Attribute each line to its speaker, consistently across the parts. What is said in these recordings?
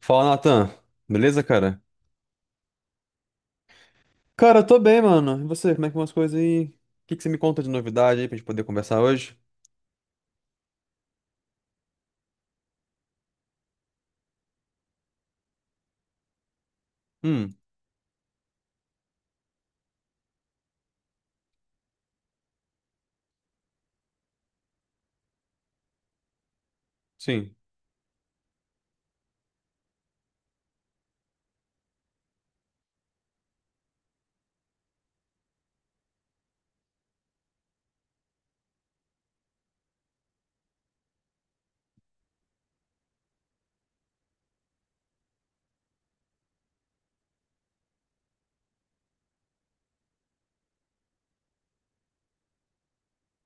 Speaker 1: Fala, Natan. Beleza, cara? Cara, eu tô bem, mano. E você, como é que vão as coisas aí? O que que você me conta de novidade aí pra gente poder conversar hoje? Hum, sim.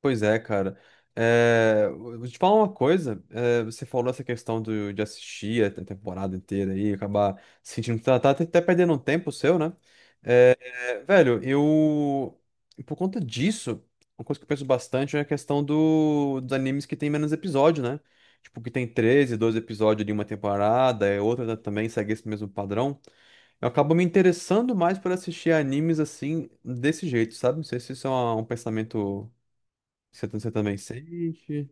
Speaker 1: Pois é, cara. Eu vou te falar uma coisa. Você falou essa questão de assistir a temporada inteira aí, acabar sentindo que tá até perdendo um tempo seu, né? Velho, eu. Por conta disso, uma coisa que eu penso bastante é a questão dos animes que tem menos episódio, né? Tipo, que tem 13 12 episódios de uma temporada, é outra também segue esse mesmo padrão. Eu acabo me interessando mais por assistir animes assim, desse jeito, sabe? Não sei se isso é um pensamento que você também sente.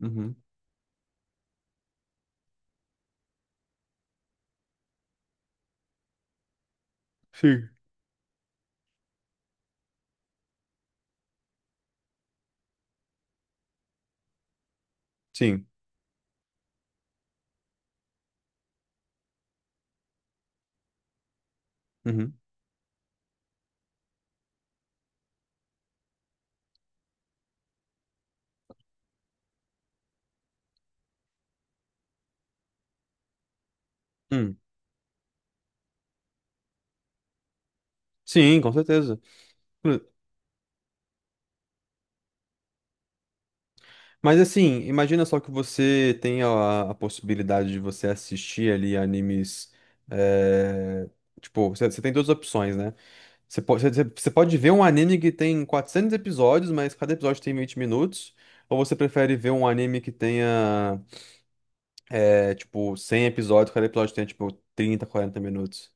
Speaker 1: Uhum. Sim. Sim. Uhum. Hum. Sim, com certeza. Mas assim, imagina só que você tem a possibilidade de você assistir ali animes. eh, Tipo, você tem duas opções, né? Você pode ver um anime que tem 400 episódios, mas cada episódio tem 20 minutos. Ou você prefere ver um anime que tenha, tipo, 100 episódios, cada episódio tenha, tipo, 30 40 minutos?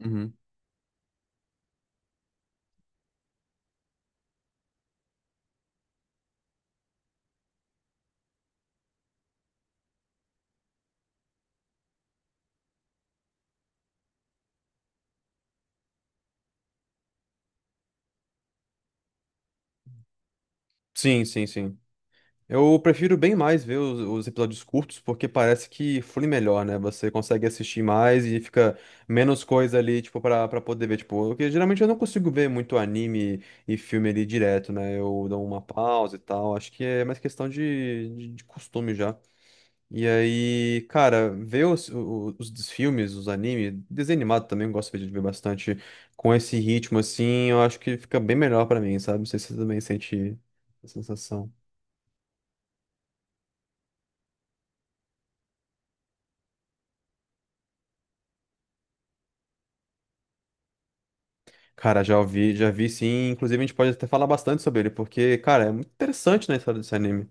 Speaker 1: Uhum. Sim, sim, sim. Eu prefiro bem mais ver os episódios curtos, porque parece que flui melhor, né? Você consegue assistir mais e fica menos coisa ali, tipo, pra poder ver. Tipo, porque geralmente eu não consigo ver muito anime e filme ali direto, né? Eu dou uma pausa e tal. Acho que é mais questão de costume já. E aí, cara, ver dos filmes, os animes, desenho animado também, eu gosto de ver bastante com esse ritmo, assim, eu acho que fica bem melhor pra mim, sabe? Não sei se você também sente essa sensação. Cara, já ouvi, já vi sim. Inclusive, a gente pode até falar bastante sobre ele, porque, cara, é muito interessante, né, a história desse anime.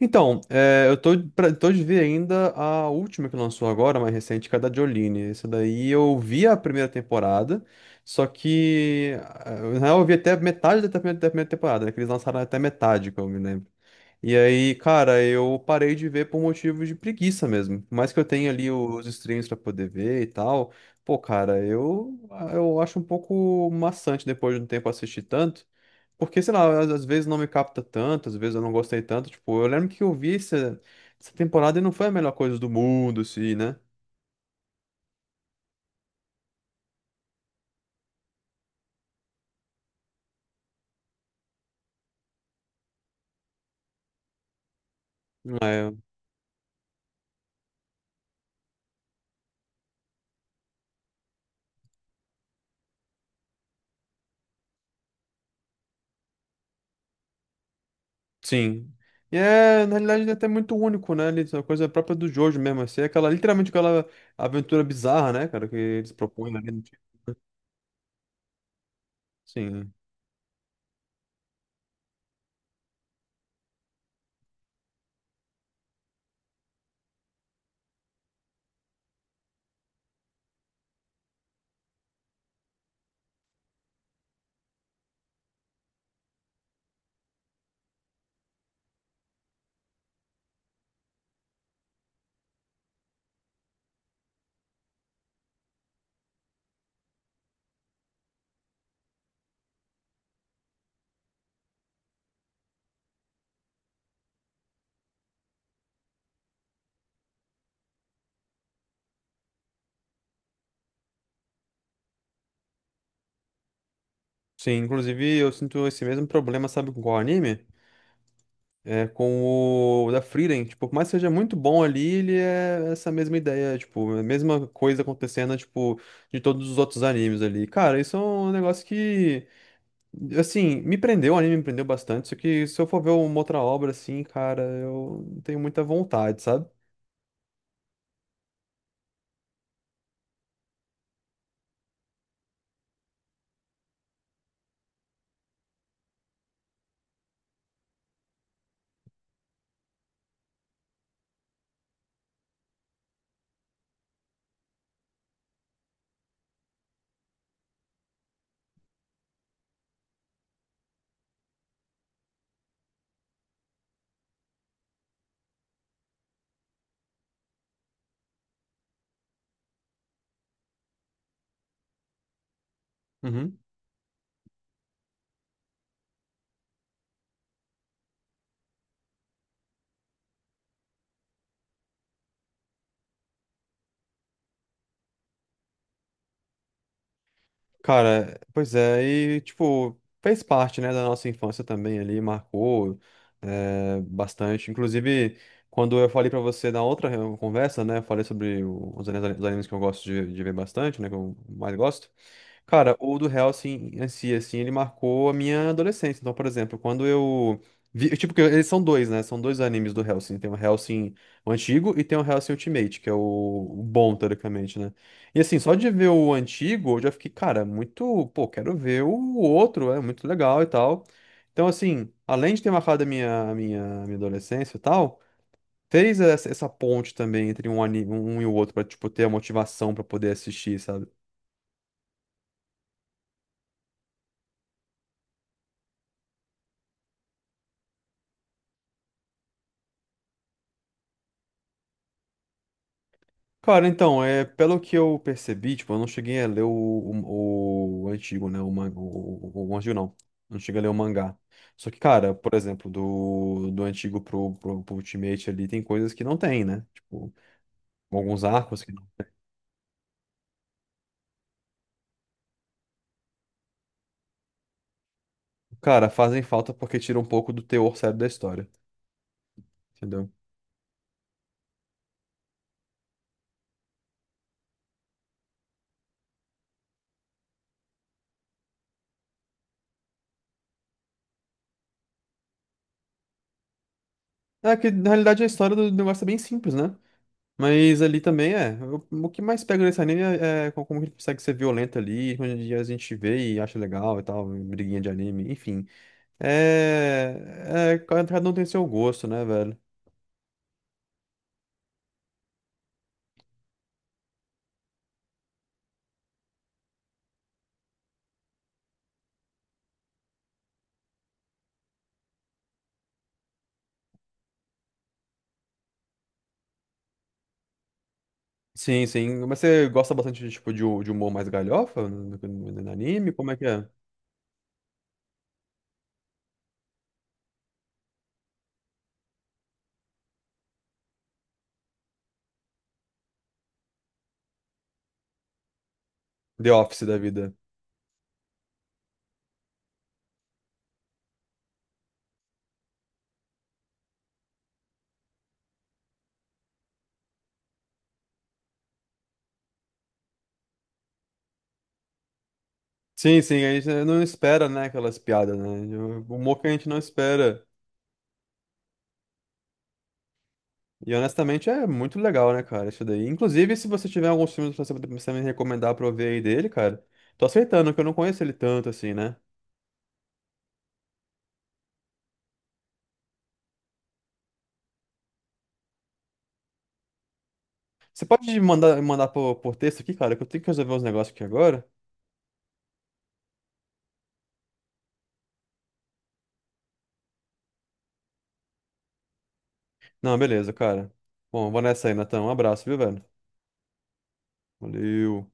Speaker 1: Então, tô de ver ainda a última que lançou agora, mais recente, que é a da Jolene. Essa daí eu vi a primeira temporada, só que na real eu vi até metade da primeira temporada, né? Que eles lançaram até metade, que eu me lembro. E aí, cara, eu parei de ver por motivos de preguiça mesmo. Por mais que eu tenha ali os streams pra poder ver e tal, pô, cara, eu acho um pouco maçante depois de um tempo assistir tanto. Porque, sei lá, às vezes não me capta tanto, às vezes eu não gostei tanto. Tipo, eu lembro que eu vi essa temporada e não foi a melhor coisa do mundo, assim, né? É, sim. E, na realidade, ele é até muito único, né? Essa coisa própria do Jojo mesmo, assim, é aquela, literalmente aquela aventura bizarra, né, cara, que eles propõem ali. Sim. Sim, inclusive eu sinto esse mesmo problema, sabe, com qual anime? Com o da Frieren, tipo, por mais que seja muito bom ali, ele é essa mesma ideia, tipo, é a mesma coisa acontecendo, tipo, de todos os outros animes ali. Cara, isso é um negócio que, assim, me prendeu, o anime me prendeu bastante, só que se eu for ver uma outra obra, assim, cara, eu não tenho muita vontade, sabe? Uhum. Cara, pois é, e tipo, fez parte, né, da nossa infância também ali, marcou bastante. Inclusive, quando eu falei pra você na outra conversa, né, eu falei sobre os animes que eu gosto de ver bastante, né, que eu mais gosto. Cara, o do Hellsing em si, assim, ele marcou a minha adolescência. Então, por exemplo, quando eu vi, tipo, que eles são dois, né? São dois animes do Hellsing. Tem o Hellsing o antigo e tem o Hellsing Ultimate, que é o bom, teoricamente, né? E assim, só de ver o antigo, eu já fiquei, cara, muito, pô, quero ver o outro, é muito legal e tal. Então, assim, além de ter marcado a minha adolescência e tal, fez essa ponte também entre um anime, um e o outro, pra, tipo, ter a motivação pra poder assistir, sabe? Cara, então, pelo que eu percebi, tipo, eu não cheguei a ler o antigo, né? O manga, o antigo não. Não cheguei a ler o mangá. Só que, cara, por exemplo, do antigo pro Ultimate ali, tem coisas que não tem, né? Tipo, alguns arcos que não. Cara, fazem falta porque tira um pouco do teor sério da história, entendeu? É que, na realidade, a história do negócio é bem simples, né? Mas ali também é. O que mais pega nesse anime é como ele consegue ser violento ali, onde a gente vê e acha legal e tal, briguinha de anime, enfim. É, cada um tem seu gosto, né, velho? Sim, sim. Mas você gosta bastante de, tipo, de humor mais galhofa no anime? Como é que é? The Office da vida. Sim, sim, a gente não espera, né, aquelas piadas, né? O humor que a gente não espera. E honestamente é muito legal, né, cara, isso daí. Inclusive, se você tiver alguns filmes pra você me recomendar pra eu ver aí dele, cara, tô aceitando, que eu não conheço ele tanto assim, né? Você pode mandar por texto aqui, cara, que eu tenho que resolver uns negócios aqui agora. Não, beleza, cara. Bom, eu vou nessa aí, Natão. Um abraço, viu, velho? Valeu.